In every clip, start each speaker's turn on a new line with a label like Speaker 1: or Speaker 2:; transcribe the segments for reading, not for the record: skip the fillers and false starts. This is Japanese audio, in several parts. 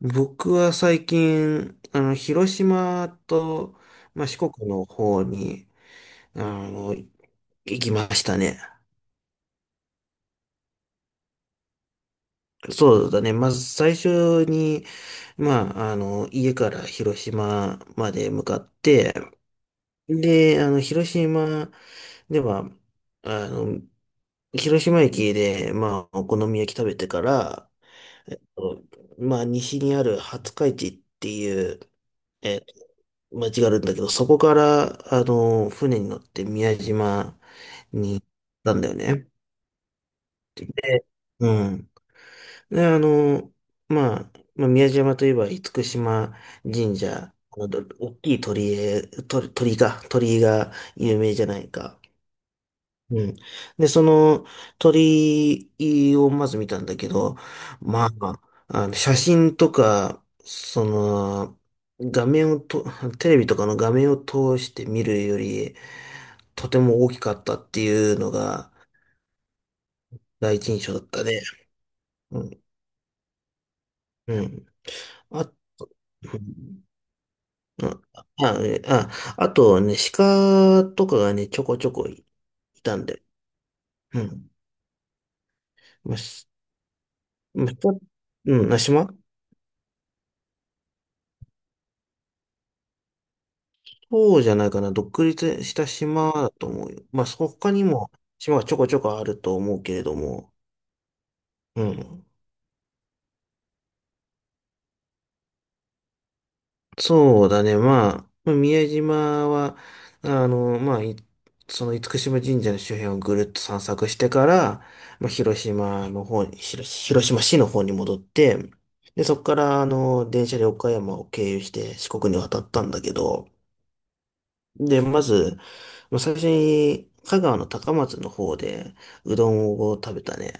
Speaker 1: 僕は最近、広島と、四国の方に、あ行きましたね。そうだね。まず最初に、家から広島まで向かって、で、広島では、あの、広島駅で、お好み焼き食べてから、えっと、西にある廿日市っていう、間違うんだけど、そこから、船に乗って宮島に行ったんだよね。で、うん。で、宮島といえば、厳島神社、ど大きい鳥居へ、鳥居か、鳥居が有名じゃないか。うん。で、その鳥をまず見たんだけど、まあ、あの写真とか、その、画面をと、テレビとかの画面を通して見るより、とても大きかったっていうのが第一印象だったね。うん。うん。あ、うんえああとね、鹿とかがね、ちょこちょこいたんで。うん。まあ、し鹿うん、な、島そうじゃないかな。独立した島だと思うよ。他にも島はちょこちょこあると思うけれども。うん。そうだね。宮島は、あの、まあ、いその厳島神社の周辺をぐるっと散策してから、広島の方に、広島市の方に戻って、で、そこから、電車で岡山を経由して四国に渡ったんだけど、で、まず、最初に、香川の高松の方で、うどんを食べたね。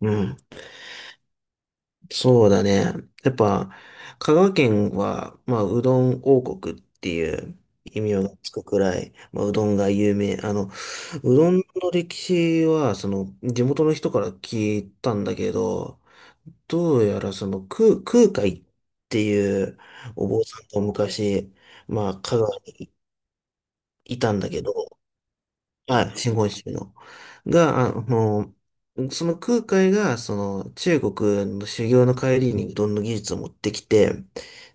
Speaker 1: うん。そうだね。やっぱ、香川県は、うどん王国っていう異名がつくくらい、うどんが有名。うどんの歴史は、その、地元の人から聞いたんだけど、どうやらその、空海っていうお坊さんが昔、香川にいたんだけど、はい、真言宗の。が、その空海が、その中国の修行の帰りにうどんの技術を持ってきて、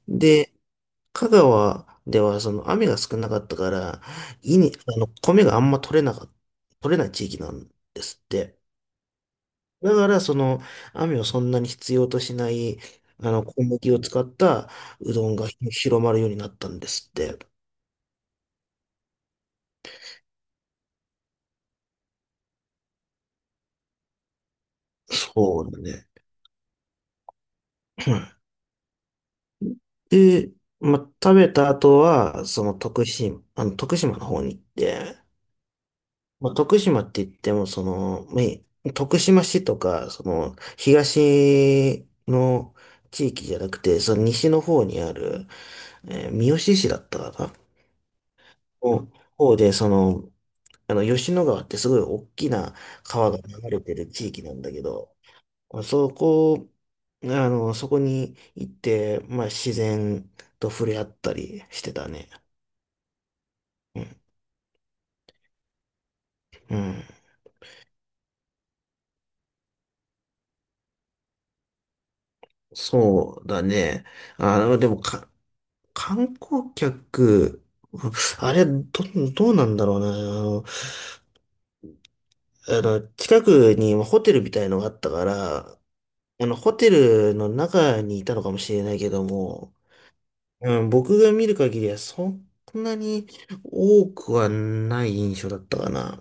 Speaker 1: で、香川ではその雨が少なかったから、いに、あの、米があんま取れない地域なんですって。だから、その、雨をそんなに必要としない、小麦を使ったうどんが広まるようになったんですって。そうだね。で、食べた後は、徳島の方に行って、徳島って言っても、その、徳島市とか、その、東の地域じゃなくて、その西の方にある、三好市だったかなの方で、その、吉野川ってすごい大きな川が流れてる地域なんだけど、そこ、そこに行って、自然と触れ合ったりしてたね。うんうん、そうだね。あ、でもか、観光客、うんあれ、ど、どうなんだろうな。近くにホテルみたいのがあったから、ホテルの中にいたのかもしれないけども、うん、僕が見る限りはそんなに多くはない印象だったかな。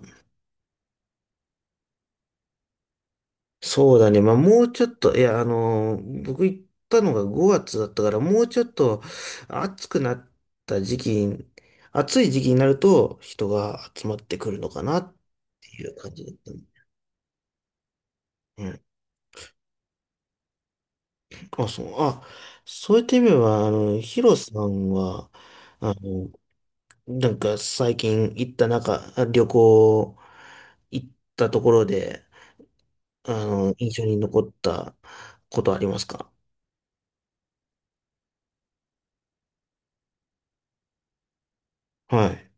Speaker 1: そうだね。もうちょっと、いや、僕行ったのが5月だったから、もうちょっと暑くなった時期に、暑い時期になると人が集まってくるのかなっていう感じだったね。うん。あ、そう、あ、そういった意味では、ヒロさんは、あの、なんか最近行った旅行行ったところで、印象に残ったことありますか？はい。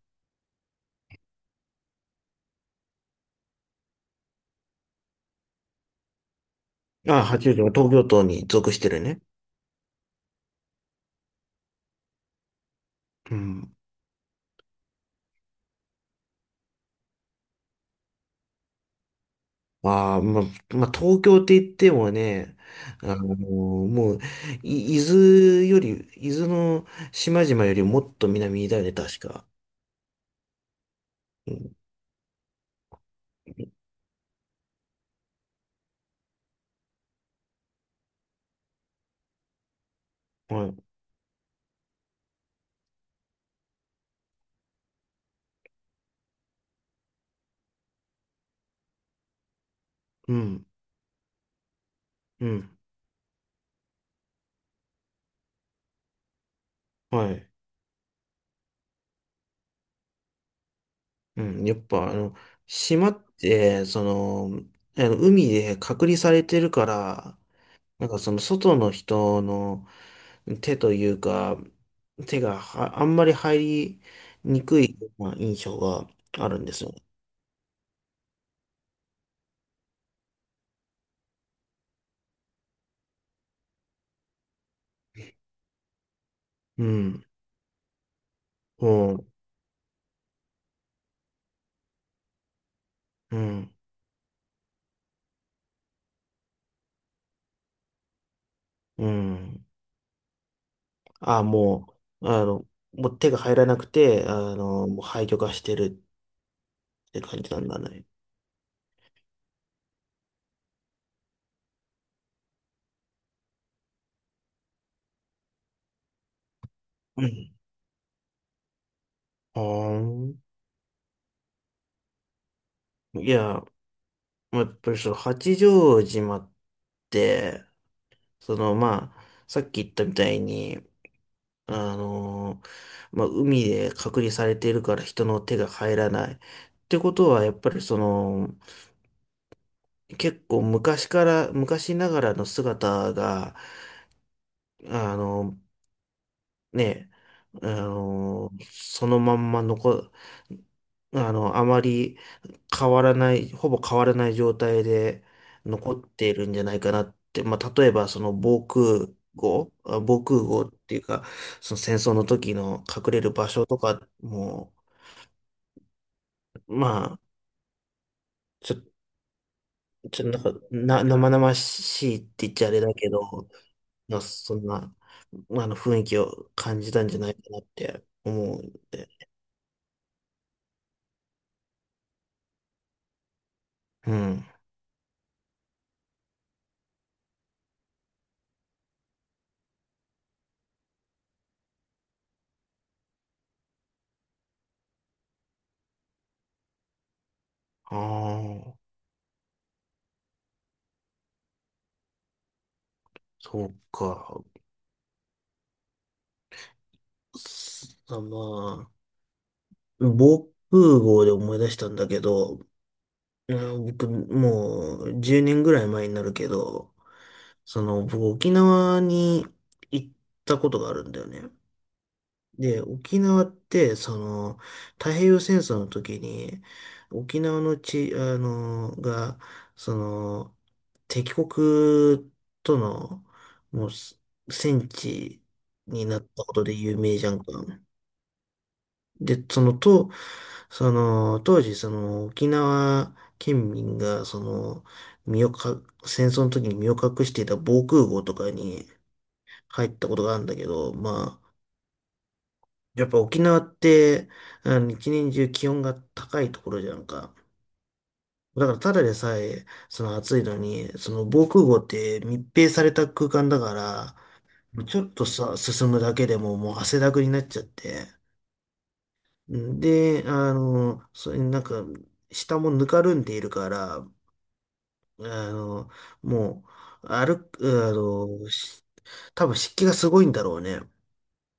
Speaker 1: あ、八王子は東京都に属してるね。うん。ああ、東京って言ってもね、あのもう、い伊豆より、伊豆の島々よりもっと南だよね、確か。うん。はい。うん。うん。はい。うん。やっぱ、島って、その、あの海で隔離されてるから、なんかその外の人の手というか、手はあんまり入りにくい、印象があるんですよ。うん。うん、うん、うん。あ、もう手が入らなくて、もう廃墟化してるって感じなんだね。うん。はあ。いや、やっぱりその八丈島って、そのまあ、さっき言ったみたいに、あの、海で隔離されているから人の手が入らない。ってことは、やっぱりその、結構昔から、昔ながらの姿が、あの、ね、あのーそのまんま残、あの、あまり変わらない、ほぼ変わらない状態で残っているんじゃないかなって、例えばその防空壕、防空壕っていうか、その戦争の時の隠れる場所とかも、まあ、ちょ、ちょ、なんか、生々しいって言っちゃあれだけど、そんな、雰囲気を感じたんじゃないかなって思う。うん。ああ。そうか。すあ、まあ、防空壕で思い出したんだけど、うん僕、もう10年ぐらい前になるけど、その、僕、沖縄に行ったことがあるんだよね。で、沖縄って、その、太平洋戦争の時に、沖縄の地が、その、敵国との、もう、戦地になったことで有名じゃんか。で、その、当時、その、沖縄県民が、その、身をか、戦争の時に身を隠していた防空壕とかに入ったことがあるんだけど、やっぱ沖縄って、一年中気温が高いところじゃんか。だから、ただでさえ、その暑いのに、その防空壕って密閉された空間だから、ちょっとさ、進むだけでももう汗だくになっちゃって、うんで、あの、それなんか、下もぬかるんでいるから、あの、もう、歩く、あの、し多分湿気がすごいんだろうね。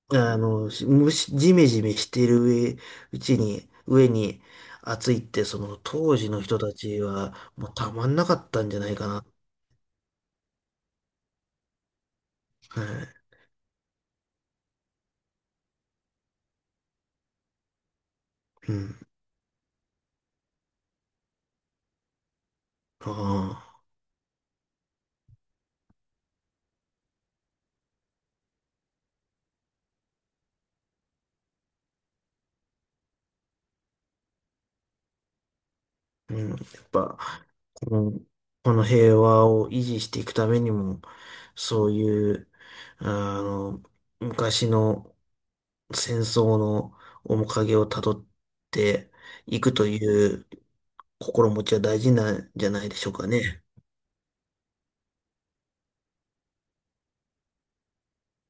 Speaker 1: 蒸し、ジメジメしてる上、うちに、上に暑いって、その当時の人たちは、もうたまんなかったんじゃないかな。はい。うん。ああ。うん。やっぱ、もうこの平和を維持していくためにも、そういう、あの、昔の戦争の面影をたどっていくという心持ちは大事なんじゃないでしょうかね。